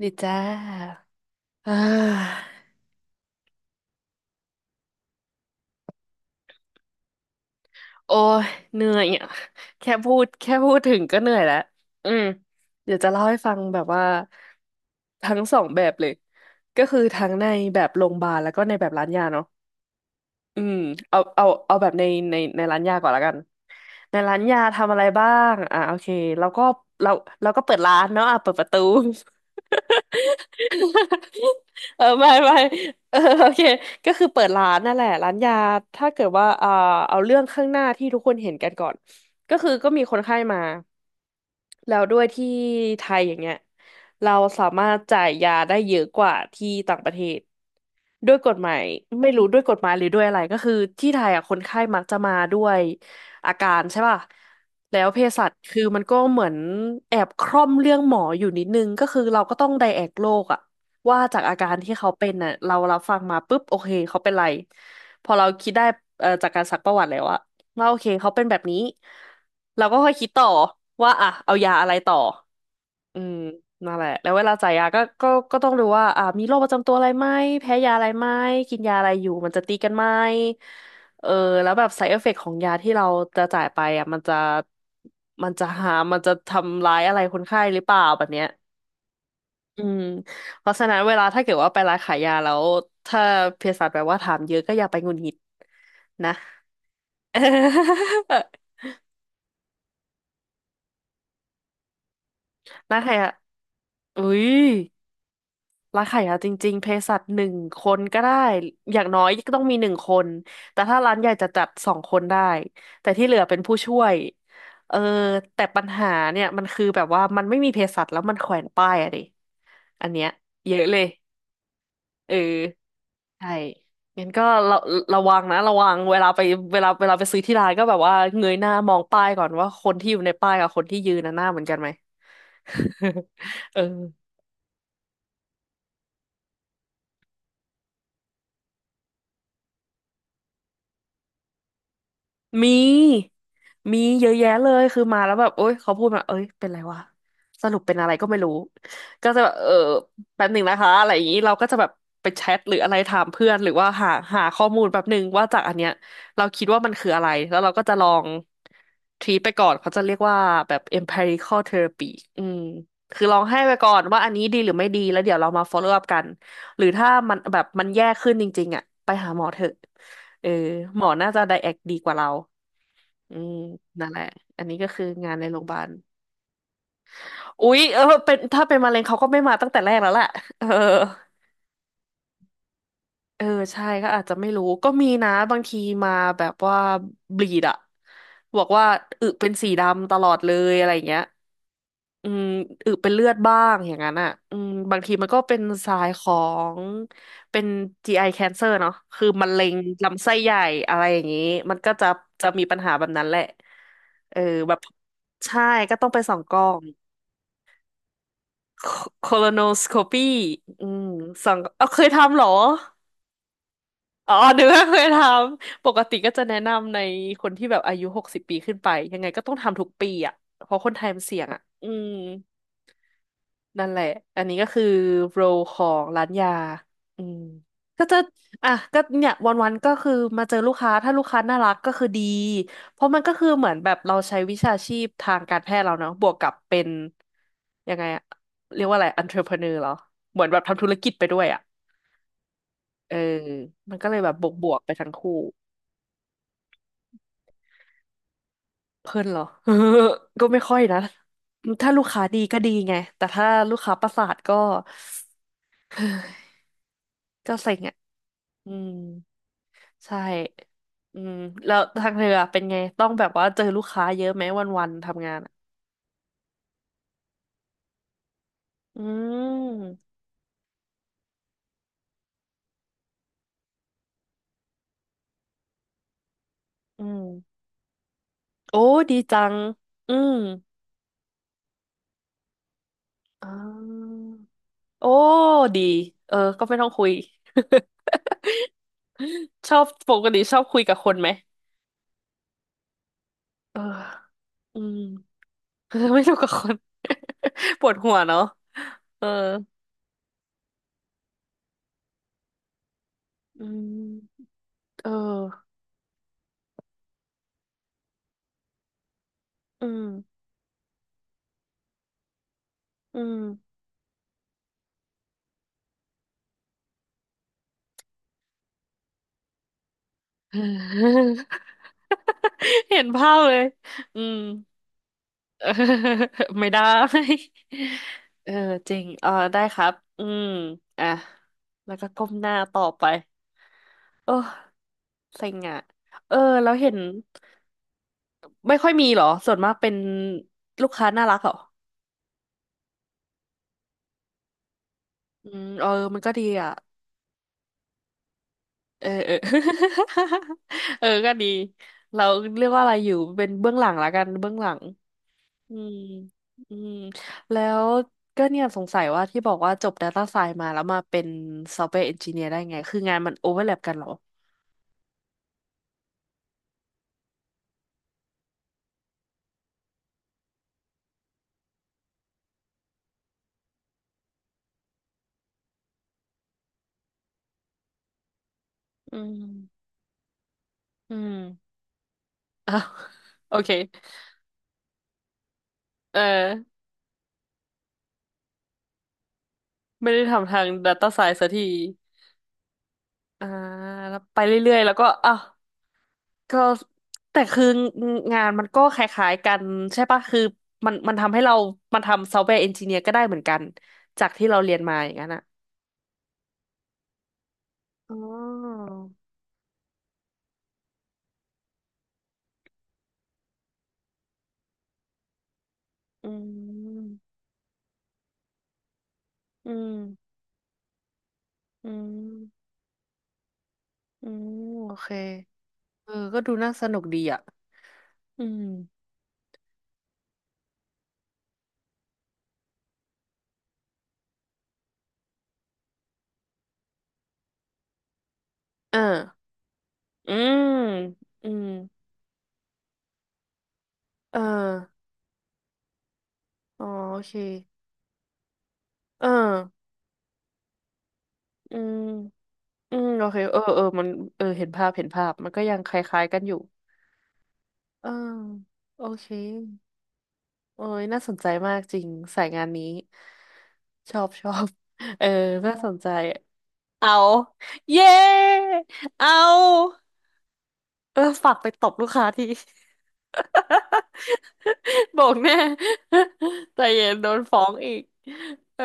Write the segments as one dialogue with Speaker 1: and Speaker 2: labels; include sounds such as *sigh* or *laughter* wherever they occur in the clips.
Speaker 1: ดีจ้าอ่าโอ้ยเหนื่อยอ่ะแค่พูดถึงก็เหนื่อยแล้ว อืมเดี๋ยวจะเล่าให้ฟังแบบว่าทั้งสองแบบเลย ก็คือทั้งในแบบโรงพยาบาลแล้วก็ในแบบร้านยาเนาะ อืมเอาแบบในในร้านยาก่อนละกันในร้านยาทำอะไรบ้างโอเคเราก็เราเราก็เปิดร้านเนาะอ่ะเปิดประตู *laughs* เออไม่ไม่เออโอเคก็คือเปิดร้านนั่นแหละร้านยาถ้าเกิดว่าเอาเรื่องข้างหน้าที่ทุกคนเห็นกันก่อนก็คือก็มีคนไข้มา แล้วด้วยที่ไทยอย่างเงี้ยเราสามารถจ่ายยาได้เยอะกว่าที่ต่างประเทศด้วยกฎหมายไม่รู้ด้วยกฎหมายหรือด้วยอะไรก็คือที่ไทยอ่ะคนไข้มักจะมาด้วยอาการใช่ป่ะแล้วเภสัชคือมันก็เหมือนแอบคร่อมเรื่องหมออยู่นิดนึงก็คือเราก็ต้องไดแอกโรคอะว่าจากอาการที่เขาเป็นน่ะเรารับฟังมาปุ๊บโอเคเขาเป็นไรพอเราคิดได้จากการซักประวัติแล้วอะว่าโอเคเขาเป็นแบบนี้ เราก็ค่อยคิดต่อว่าอ่ะเอายาอะไรต่ออืมนั่นแหละแล้วเวลาจ่ายยาก็ต้องดูว่าอ่ะมีโรคประจำตัวอะไรไหมแพ้ยาอะไรไหมกินยาอะไรอยู่มันจะตีกันไหมเออแล้วแบบ side effect ของยาที่เราจะจ่ายไปอ่ะมันจะทำร้ายอะไรคนไข้หรือเปล่าแบบเนี้ยอืมเพราะฉะนั้นเวลาถ้าเกิดว่าไปร้านขายยาแล้วถ้าเภสัชแบบว่าถามเยอะก็อย่าไปหงุดหงิดนะ *laughs* ร้านขายยาอุ้ย ร้านขายยาจริงๆเภสัชหนึ่งคนก็ได้อย่างน้อยก็ต้องมีหนึ่งคนแต่ถ้าร้านใหญ่จะจัดสองคนได้แต่ที่เหลือเป็นผู้ช่วยเออแต่ปัญหาเนี่ยมันคือแบบว่ามันไม่มีเภสัชแล้วมันแขวนป้ายอะดิอันเนี้ยเยอะเลยเออใช่งั้นก็ระระวังนะระวังเวลาไปเวลาไปซื้อที่ร้านก็แบบว่าเงยหน้ามองป้ายก่อนว่าคนที่อยู่ในป้ายกับคนที่ยืนน่ะหน้าเหมือนกันไหม *laughs* เออ มีมีเยอะแยะเลยคือมาแล้วแบบโอ๊ยเขาพูดมาเอ้ยเป็นไรวะสรุปเป็นอะไรก็ไม่รู้ก็จะแบบเออแป๊บหนึ่งนะคะอะไรอย่างนี้เราก็จะแบบไปแชทหรืออะไรถามเพื่อนหรือว่าหาข้อมูลแป๊บหนึ่งว่าจากอันเนี้ยเราคิดว่ามันคืออะไรแล้วเราก็จะลองทรีไปก่อนเขาจะเรียกว่าแบบ empirical therapy อืมคือลองให้ไปก่อนว่าอันนี้ดีหรือไม่ดีแล้วเดี๋ยวเรามา follow up กัน หรือถ้ามันแบบมันแย่ขึ้นจริงๆอ่ะไปหาหมอเถอะเออหมอน่าจะไดแอกดีกว่าเรา อืมนั่นแหละ อันนี้ก็คืองานในโรงพยาบาลอุ๊ยเออเป็นถ้าเป็นมะเร็งเขาก็ไม่มาตั้งแต่แรกแล้วแหละเออ เออใช่ก็อาจจะไม่รู้ก็มีนะบางทีมาแบบว่าบลีดอะบอกว่าอึเป็นสีดำตลอดเลยอะไรอย่างเงี้ยอืมอึเป็นเลือดบ้างอย่างนั้นอ่ะอืมบางทีมันก็เป็นสายของเป็น GI cancer เนาะคือมะเร็งลำไส้ใหญ่อะไรอย่างนี้มันก็จะมีปัญหาแบบนั้นแหละเออแบบใช่ก็ต้องไปส่องกล้อง colonoscopy อืมส่องเอาเคยทำเหรอ อ๋อนึกว่าเคยทำ ปกติก็จะแนะนำในคนที่แบบอายุหกสิบปีขึ้นไป ยังไงก็ต้องทำทุกปีอ่ะ เพราะคนไทยมันเสี่ยงอ่ะอืมนั่นแหละอันนี้ก็คือโรลของร้านยา อืมก็จะ อ่ะ ก็เนี่ยวันๆก็คือมาเจอลูกค้า ถ้าลูกค้าน่ารักก็คือดี เพราะมันก็คือเหมือนแบบเราใช้วิชาชีพทางการแพทย์เราเนาะบวกกับเป็นยังไงอะเรียกว่าอะไร entrepreneur เหรอเหมือนแบบทำธุรกิจไปด้วยอ่ะเออมันก็เลยแบบบวกบวกไปทั้งคู่ เพลินเหรอ *laughs* ก็ไม่ค่อยนะ ถ้าลูกค้าดีก็ดีไง แต่ถ้าลูกค้าประสาทก็ *sighs* ก็เซ็งอ่ะอืมใช่อืมแล้วทางเธออะเป็นไง ต้องแบบว่าเจอลูกค้าเยอะไหมวันๆทำงานอะอืมอืมโอ้ดีจัง อืมอ่าโอ้ดี เออ ก็ไม่ต้องคุย *laughs* ชอบปกติชอบคุยกับคนไหมเอออืม *laughs* เออไม่ถูกกับคน *laughs* ปวดหัวเนาะเอออืมเอออืมอืม *laughs* เห็นภาพเลยอืม *laughs* เออไม่ได้ *laughs* เออจริงเออได้ครับอืมอ่ะแล้วก็ก้มหน้าต่อไปโอ้เซ็งอ่ะเออแล้วเห็นไม่ค่อยมีเหรอส่วนมากเป็นลูกค้าน่ารักเหรออืมเออมันก็ดีอ่ะ เออ *laughs* เออ *laughs* เออก็ดีเราเรียกว่าอะไรอยู่เป็นเบื้องหลังละกันเบื้องหลังอืมอืมแล้วก็เนี่ยสงสัยว่าที่บอกว่าจบ Data Science มาแล้วมาเป็น Software Engineer ได้ไงคืองานมันโอเวอร์แลปกันเหรออืมอืม *laughs* อ้าวโอเคเออไม่ได้ทำทาง Data Science สักทีอ่าแล้วไปเรื่อยๆแล้วก็อ้าว ก็แต่คืองานมันก็คล้ายๆกันใช่ปะคือมันทำให้เรามันทำซอฟต์แวร์เอนจิเนียร์ก็ได้เหมือนกันจากที่เราเรียนมาอย่างนั้นอ่ะอ๋ออืมอืมอืมอืมโอเคเออก็ดูน่าสนุกดีอ่ะอืมเอออืมอืมเอออ๋อโอเคเอออืมอืมโอเคเออเออมันเออเห็นภาพเห็นภาพมันก็ยังคล้ายๆกันอยู่เออโอเค โอ้ยน่าสนใจมากจริงสายงานนี้ชอบ *laughs* ชอบเออน่าสนใจเอาเย้เอาเออฝากไปตบลูกค้าที *laughs* *laughs* บอกแน่ *laughs* ใจเย็นโดนฟ้องอีกเออ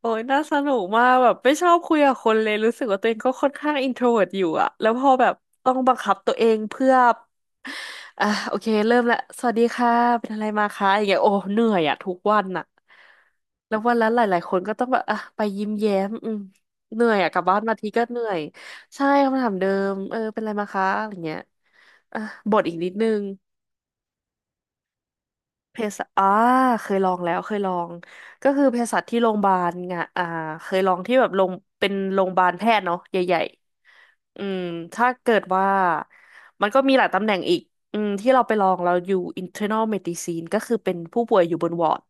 Speaker 1: โอ้ยน่าสนุกมากแบบไม่ชอบคุยกับคนเลยรู้สึกว่าตัวเองก็ค่อนข้างอินโทรเวิร์ตอยู่อะแล้วพอแบบต้องบังคับตัวเองเพื่ออ่ะโอเคเริ่มละสวัสดีค่ะเป็นอะไรมาคะอย่างเงี้ยโอ้เหนื่อยอะทุกวันอะแล้ววันละหลายๆคนก็ต้องแบบอ่ะไปยิ้มแย้มอืมเหนื่อยอะกลับบ้านมาทีก็เหนื่อยใช่คำถามเดิมเออเป็นอะไรมาคะอะไรเงี้ยอ่ะบทอีกนิดนึง เภสัชอ่าเคยลองแล้วเคยลอง ก็คือเภสัชที่โรงพยาบาลไงอ่าเคยลองที่แบบลงเป็นโรงพยาบาลแพทย์เนาะใหญ่ๆอืมถ้าเกิดว่า มันก็มีหลายตำแหน่งอีกอืมที่เราไปลองเราอยู่ internal medicine ก็คือเป็นผู้ป่วยอยู่บนวอร์ด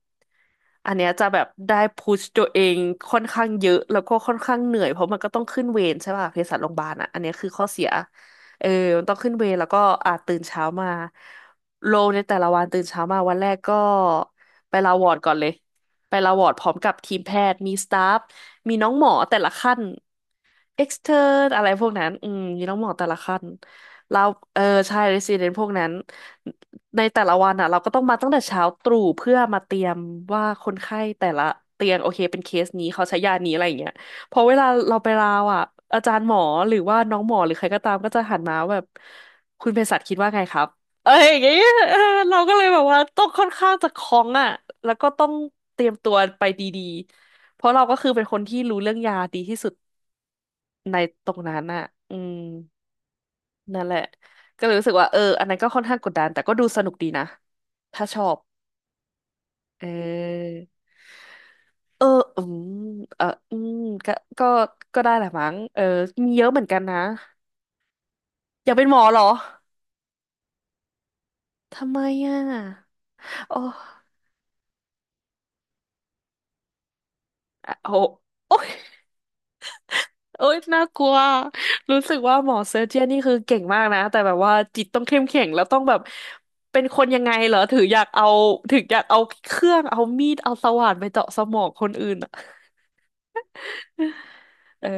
Speaker 1: อันเนี้ยจะแบบได้พุชตัวเองค่อนข้างเยอะ แล้วก็ค่อนข้างเหนื่อย เพราะมันก็ต้องขึ้นเวรใช่ป่ะเภสัชโรงพยาบาลอ่ะอันเนี้ยคือข้อเสียเออมันต้องขึ้นเวรแล้วก็อ่าตื่นเช้ามา โลในแต่ละวันตื่นเช้ามาวันแรกก็ไปลาวอร์ดก่อนเลยไปลาวอร์ดพร้อมกับทีมแพทย์มีสตาฟมีน้องหมอแต่ละขั้นเอ็กซ n เทอร์อะไรพวกนั้นอืมมีน้องหมอแต่ละขั้นแล้วเออใช่เรซิเดนพวกนั้นในแต่ละวันอ่ะเราก็ต้องมาตั้งแต่เช้าตรู่เพื่อมาเตรียมว่าคนไข้แต่ละเตียงโอเคเป็นเคสนี้เขาใช้ยานี้อะไรอย่างเงี้ยพอเวลาเราไปลาวอ่ะอาจารย์หมอหรือว่าน้องหมอหรือใครก็ตามก็จะหันมาแบบคุณเภสัชคิดว่าไงครับ เอออย่างเงี้ย *laughs* เออเราก็เลยแบบว่าต้องค่อนข้างจะคล่องอ่ะแล้วก็ต้องเตรียมตัวไปดีๆเพราะเราก็คือเป็นคนที่รู้เรื่องยาดีที่สุดในตรงนั้นอ่ะอืมนั่นแหละก็เลยรู้สึกว่าเอออันนั้นก็ค่อนข้างกดดันแต่ก็ดูสนุกดีนะถ้าชอบเออเอออืมเอออืมก็ก็ก็ได้แหละมั้งเออมีเยอะเหมือนกันนะอยากเป็นหมอเหรอทำไมอ่ะโอ้อะโห เอ้ยน่ากลัวรู้สึกว่าหมอเซอร์เจียนนี่คือเก่งมากนะแต่แบบว่าจิตต้องเข้มแข็งแล้วต้องแบบเป็นคนยังไงเหรอถึงอยากเอาถึงอยากเอาเครื่องเอามีดเอาสว่านไปเจาะสมองคนอื่นอะ *laughs* เออ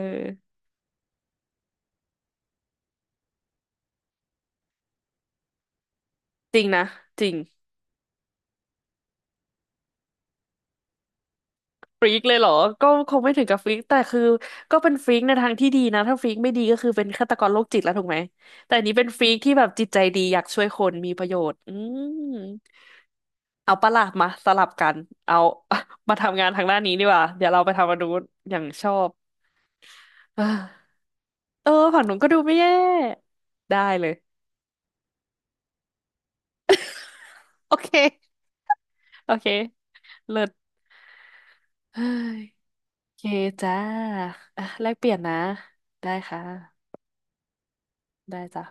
Speaker 1: จริงนะจริง ฟรีกเลยเหรอก็คงไม่ถึงกับฟรีกแต่คือก็เป็นฟรีกในทางที่ดีนะ ถ้าฟรีกไม่ดีก็คือเป็นฆาตกรโรคจิตแล้วถูกไหม แต่อันนี้เป็นฟรีกที่แบบจิตใจดีอยากช่วยคนมีประโยชน์ อืม เอาปะล่ะมาสลับกัน เอา *laughs* มาทำงานทางด้านนี้ดีกว่า เดี๋ยวเราไปทำมาดูนอย่างชอบ *sighs* เออเออฝั่งหนูก็ดูไม่แย่ได้เลยโอเคโอเคเลิศ *sighs* เฮ้ยโอเคจ้าอ่ะแลกเปลี่ยนนะได้ค่ะ ได้จ้ะ